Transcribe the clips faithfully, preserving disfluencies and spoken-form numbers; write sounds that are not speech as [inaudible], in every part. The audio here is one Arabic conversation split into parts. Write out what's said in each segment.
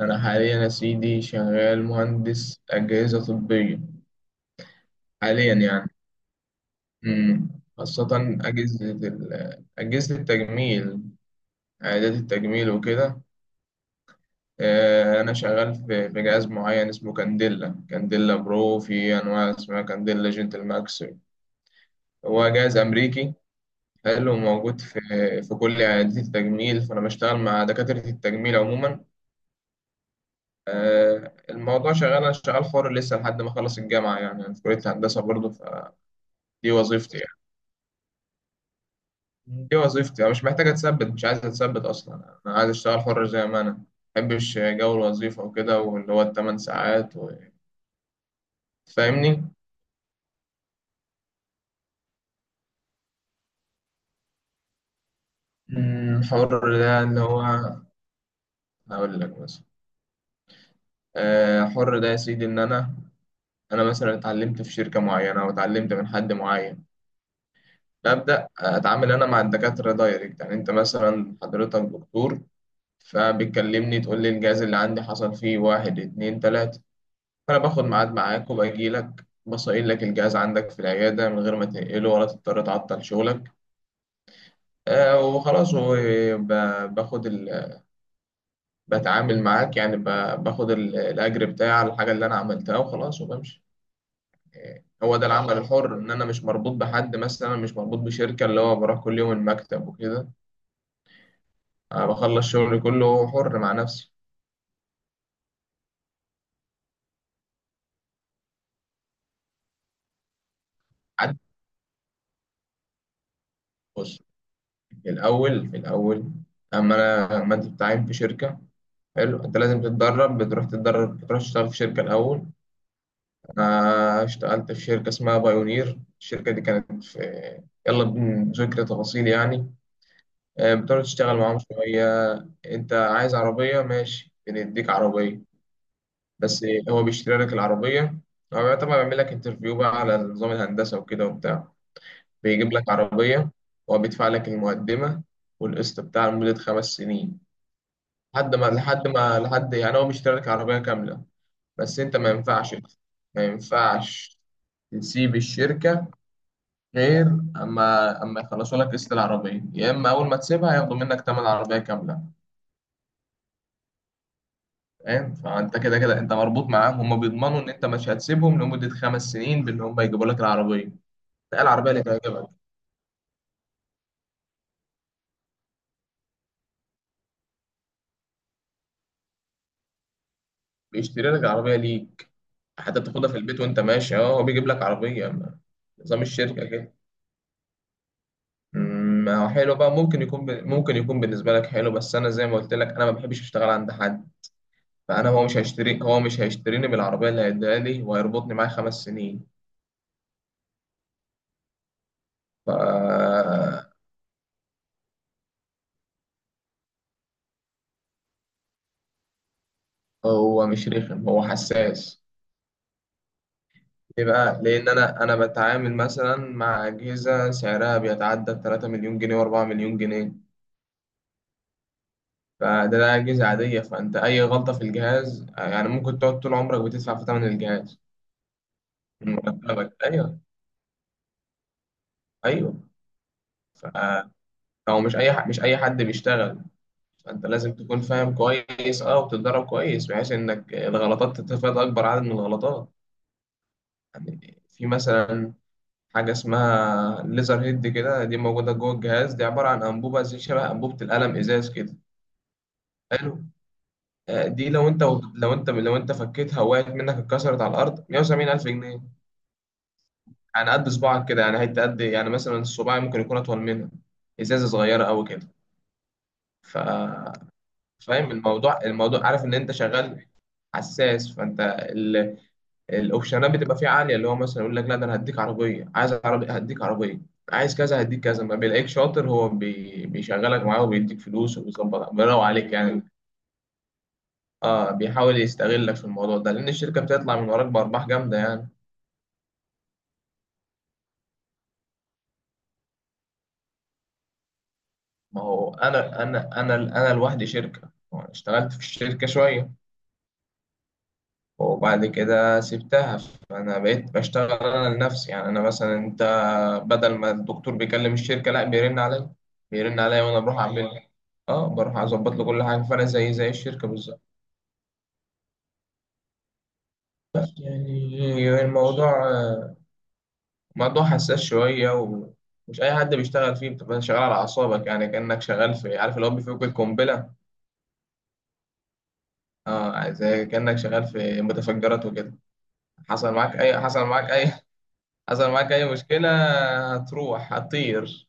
أنا حاليا يا سيدي شغال مهندس أجهزة طبية حاليا يعني مم. خاصة أجهزة ال- أجهزة التجميل عيادات التجميل وكده آه، أنا شغال في في جهاز معين اسمه كانديلا كانديلا برو في أنواع اسمها كانديلا جنتل ماكس. هو جهاز أمريكي حلو، موجود في في كل عيادات التجميل، فأنا بشتغل مع دكاترة التجميل عموما. آه، الموضوع شغال، أنا شغال حر لسه لحد ما أخلص الجامعة يعني، أنا في كلية هندسة برضه. دي وظيفتي يعني، دي وظيفتي. انا مش محتاج اتثبت، مش عايز اتثبت اصلا، انا عايز اشتغل حر زي ما انا. ما بحبش جو الوظيفه وكده، واللي هو الثمان ساعات و... فاهمني. أمم، حر ده اللي هو، هقول لك مثلا، آه، حر ده يا سيدي ان انا، انا مثلا اتعلمت في شركه معينه او اتعلمت من حد معين، ببدا اتعامل انا مع الدكاتره دايركت. يعني انت مثلا حضرتك دكتور، فبتكلمني تقول لي الجهاز اللي عندي حصل فيه واحد اتنين تلاته، فأنا باخد ميعاد معاك وباجي لك بصين لك الجهاز عندك في العيادة من غير ما تنقله ولا تضطر تعطل شغلك. آه وخلاص، وباخد ال... بتعامل معاك يعني، ب- باخد ال- الأجر بتاعي على الحاجة اللي أنا عملتها وخلاص وبمشي. هو ده العمل اه، الحر إن أنا مش مربوط بحد، مثلا مش مربوط بشركة اللي هو بروح كل يوم المكتب وكده. أنا بخلص شغلي كله حر مع نفسي. حد، بص، في الأول في الأول أما أنا، ما أنت بتتعين في شركة، حلو، انت لازم تتدرب، بتروح تتدرب، بتروح تشتغل في شركه الاول. انا اشتغلت في شركه اسمها بايونير. الشركه دي كانت في، يلا، بذكر تفاصيل يعني. آه، بتقعد تشتغل معاهم شويه، انت عايز عربيه ماشي، بنديك عربيه. بس هو بيشتري لك العربيه. هو طبعا بيعمل لك انترفيو بقى على نظام الهندسه وكده وبتاع، بيجيب لك عربيه. هو بيدفع لك المقدمه والقسط بتاع لمده خمس سنين، لحد ما لحد ما لحد يعني، هو بيشتري لك عربيه كامله. بس انت ما ينفعش ما ينفعش تسيب الشركة، غير اما اما يخلصوا لك قسط العربية، يا اما اول ما تسيبها ياخدوا منك تمن العربية كاملة. فاهم؟ فانت كده كده انت مربوط معاهم. هم بيضمنوا ان انت مش هتسيبهم لمدة خمس سنين بان هم يجيبوا لك العربية. ده العربية اللي تعجبك بيشتري لك العربية ليك، حتى بتاخدها في البيت وانت ماشي. اه، هو بيجيب لك عربية ما- نظام الشركة كده. أمم، ما هو حلو بقى. ممكن يكون ب... ممكن يكون بالنسبة لك حلو، بس أنا زي ما قلت لك أنا ما بحبش أشتغل عند حد. فانا، هو مش هيشتري هو مش هيشتريني بالعربيه اللي هيديها لي وهيربطني معاه خمس سنين. ف هو مش رخم، هو حساس. ليه بقى؟ لان انا انا بتعامل مثلا مع اجهزه سعرها بيتعدى ثلاثة مليون جنيه واربعة مليون جنيه. فده، ده اجهزه عاديه. فانت اي غلطه في الجهاز يعني ممكن تقعد طول عمرك بتدفع في ثمن الجهاز من مرتبك. ايوه، ايوه. ف- هو مش اي ح- مش اي حد بيشتغل. فانت لازم تكون فاهم كويس اه، وتتدرب كويس بحيث انك الغلطات تتفادى اكبر عدد من الغلطات. يعني في مثلا حاجه اسمها ليزر هيد كده، دي موجوده جوه الجهاز، دي عباره عن انبوبه زي شبه انبوبه القلم ازاز كده. حلو. آه، دي لو انت لو انت لو انت فكيتها وقعت منك اتكسرت على الارض، مية وسبعين الف جنيه. يعني قد صباعك كده يعني، حته قد يعني، مثلا الصباع ممكن يكون اطول منها، ازازه صغيره قوي كده. ف فاهم الموضوع؟ الموضوع عارف ان انت شغال حساس. فانت ال- الاوبشنات بتبقى فيه عاليه، اللي هو مثلا يقول لك لا، ده انا هديك عربيه، عايز عربيه هديك عربيه، عايز كذا هديك كذا. ما بيلاقيك شاطر هو بي... بيشغلك معاه وبيديك فلوس وبيظبط، بيروق عليك يعني. اه بيحاول يستغلك في الموضوع ده لان الشركه بتطلع من وراك بارباح جامده يعني. ما هو انا انا انا انا لوحدي شركه. وأنا اشتغلت في الشركه شويه وبعد كده سبتها، فانا بقيت بشتغل انا لنفسي. يعني انا مثلا، انت بدل ما الدكتور بيكلم الشركة، لا، بيرن عليا. بيرن عليا وانا بروح اعمل، اه بروح اظبط له كل حاجة، فانا زي زي الشركة بالظبط. بس يعني الموضوع آه، موضوع حساس شوية، ومش أي حد بيشتغل فيه. بتبقى شغال على أعصابك يعني، كأنك شغال في، عارف، اللي هو بيفك القنبلة. اه زي كأنك شغال في متفجرات وكده. حصل معاك أي حصل معاك أي حصل معاك أي مشكلة، هتروح، هتطير.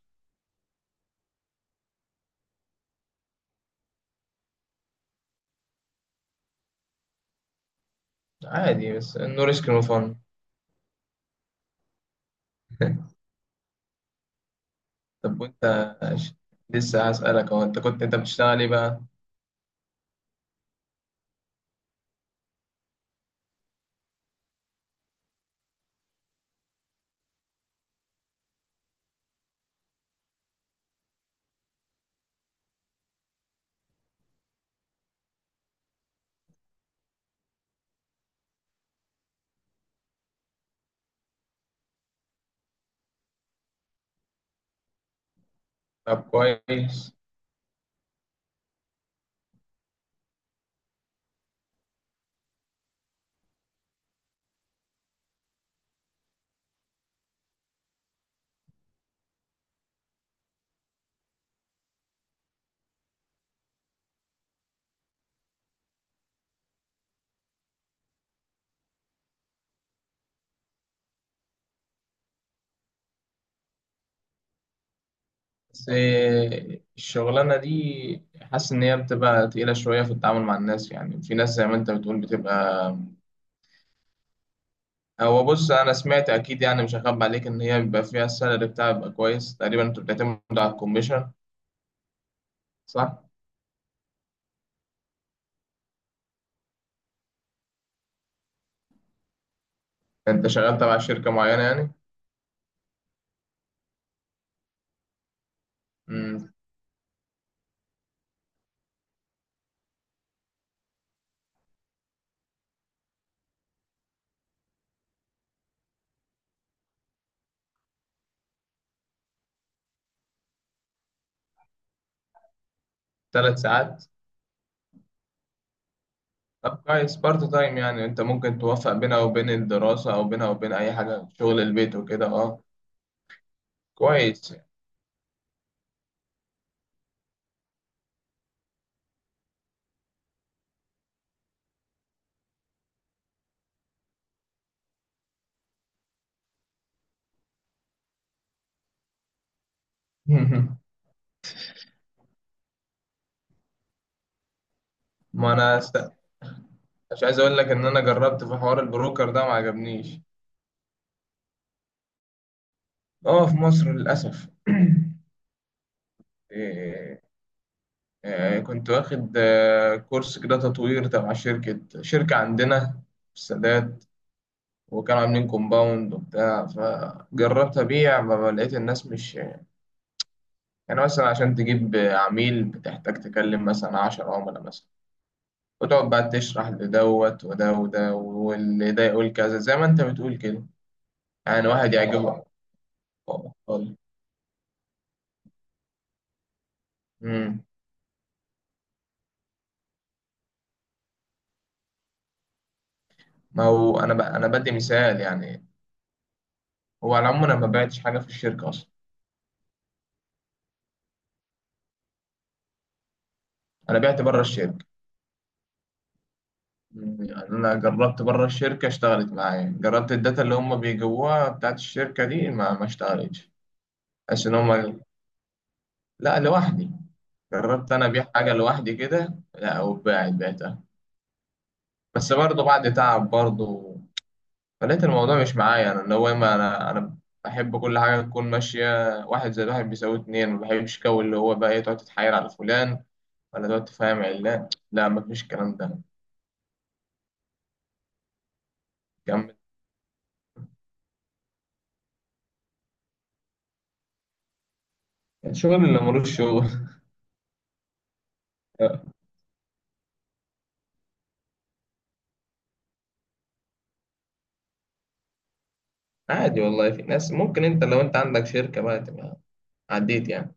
عادي، بس إنه ريسك نو فن. طب وانت ش- لسه هسألك، هو انت كنت انت بتشتغل ايه بقى؟ طب كويس. بس إيه، الشغلانة دي حاسس ان هي بتبقى تقيلة شوية في التعامل مع الناس. يعني في ناس زي ما انت بتقول بتبقى، هو بص، انا سمعت اكيد يعني، مش هخبي عليك، ان هي بيبقى فيها السالري بتاعها بيبقى كويس تقريبا. انت بتعتمد على الكوميشن، صح؟ انت شغال تبع شركة معينة يعني. امم ثلاث ساعات. طب كويس، بارت تايم يعني، انت ممكن توفق بينها وبين الدراسة او بينها وبين اي حاجة شغل البيت وكده اه. كويس. [laughs] ما انا است... مش عايز اقول لك ان انا جربت في حوار البروكر ده ما عجبنيش. اه في مصر للاسف. [clears throat] إيه، إيه، كنت واخد آه، كورس كده تطوير تبع شركة شركة عندنا في السادات، وكانوا عاملين كومباوند وبتاع، فجربت أبيع، ما لقيت الناس مش يعني. مثلا عشان تجيب عميل بتحتاج تكلم مثلا عشر عملاء مثلا، وتقعد بقى تشرح لدوت وده وده، واللي ده يقول كذا زي ما أنت بتقول كده، يعني واحد اه يعجبه. اتفضل. امم ما هو انا ب... انا بدي مثال يعني. هو على العموم انا ما بعتش حاجه في الشركه اصلا، انا بعت بره الشركه. مم، يعني انا جربت بره الشركه، اشتغلت معايا، جربت الداتا اللي هم بيجيبوها بتاعت الشركه دي، ما ما اشتغلتش. بس ان هم، لا لوحدي، جربت انا ابيع حاجه لوحدي كده، لا وباعت، بعتها، بس برضه بعد تعب برضه. فلقيت الموضوع مش معايا، انا اللي هو، ما انا انا بحب كل حاجه تكون ماشيه، واحد زائد واحد بيساوي اتنين. ما بحبش جو اللي هو بقى ايه، تقعد تتحايل على فلان ولا تقعد تفهم علان، لا، ما فيش الكلام ده. كمل. الشغل اللي ملوش شغل. [laughs] عادي والله، في ناس. ممكن انت لو انت عندك شركه بقى تبقى عديت يعني.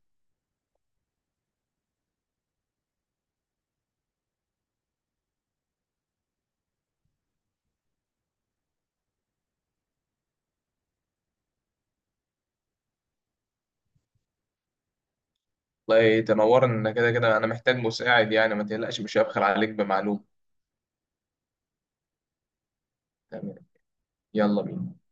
والله تنورنا، كده كده انا محتاج مساعد يعني، ما تقلقش مش هبخل عليك بمعلومه. تمام. يلا بينا.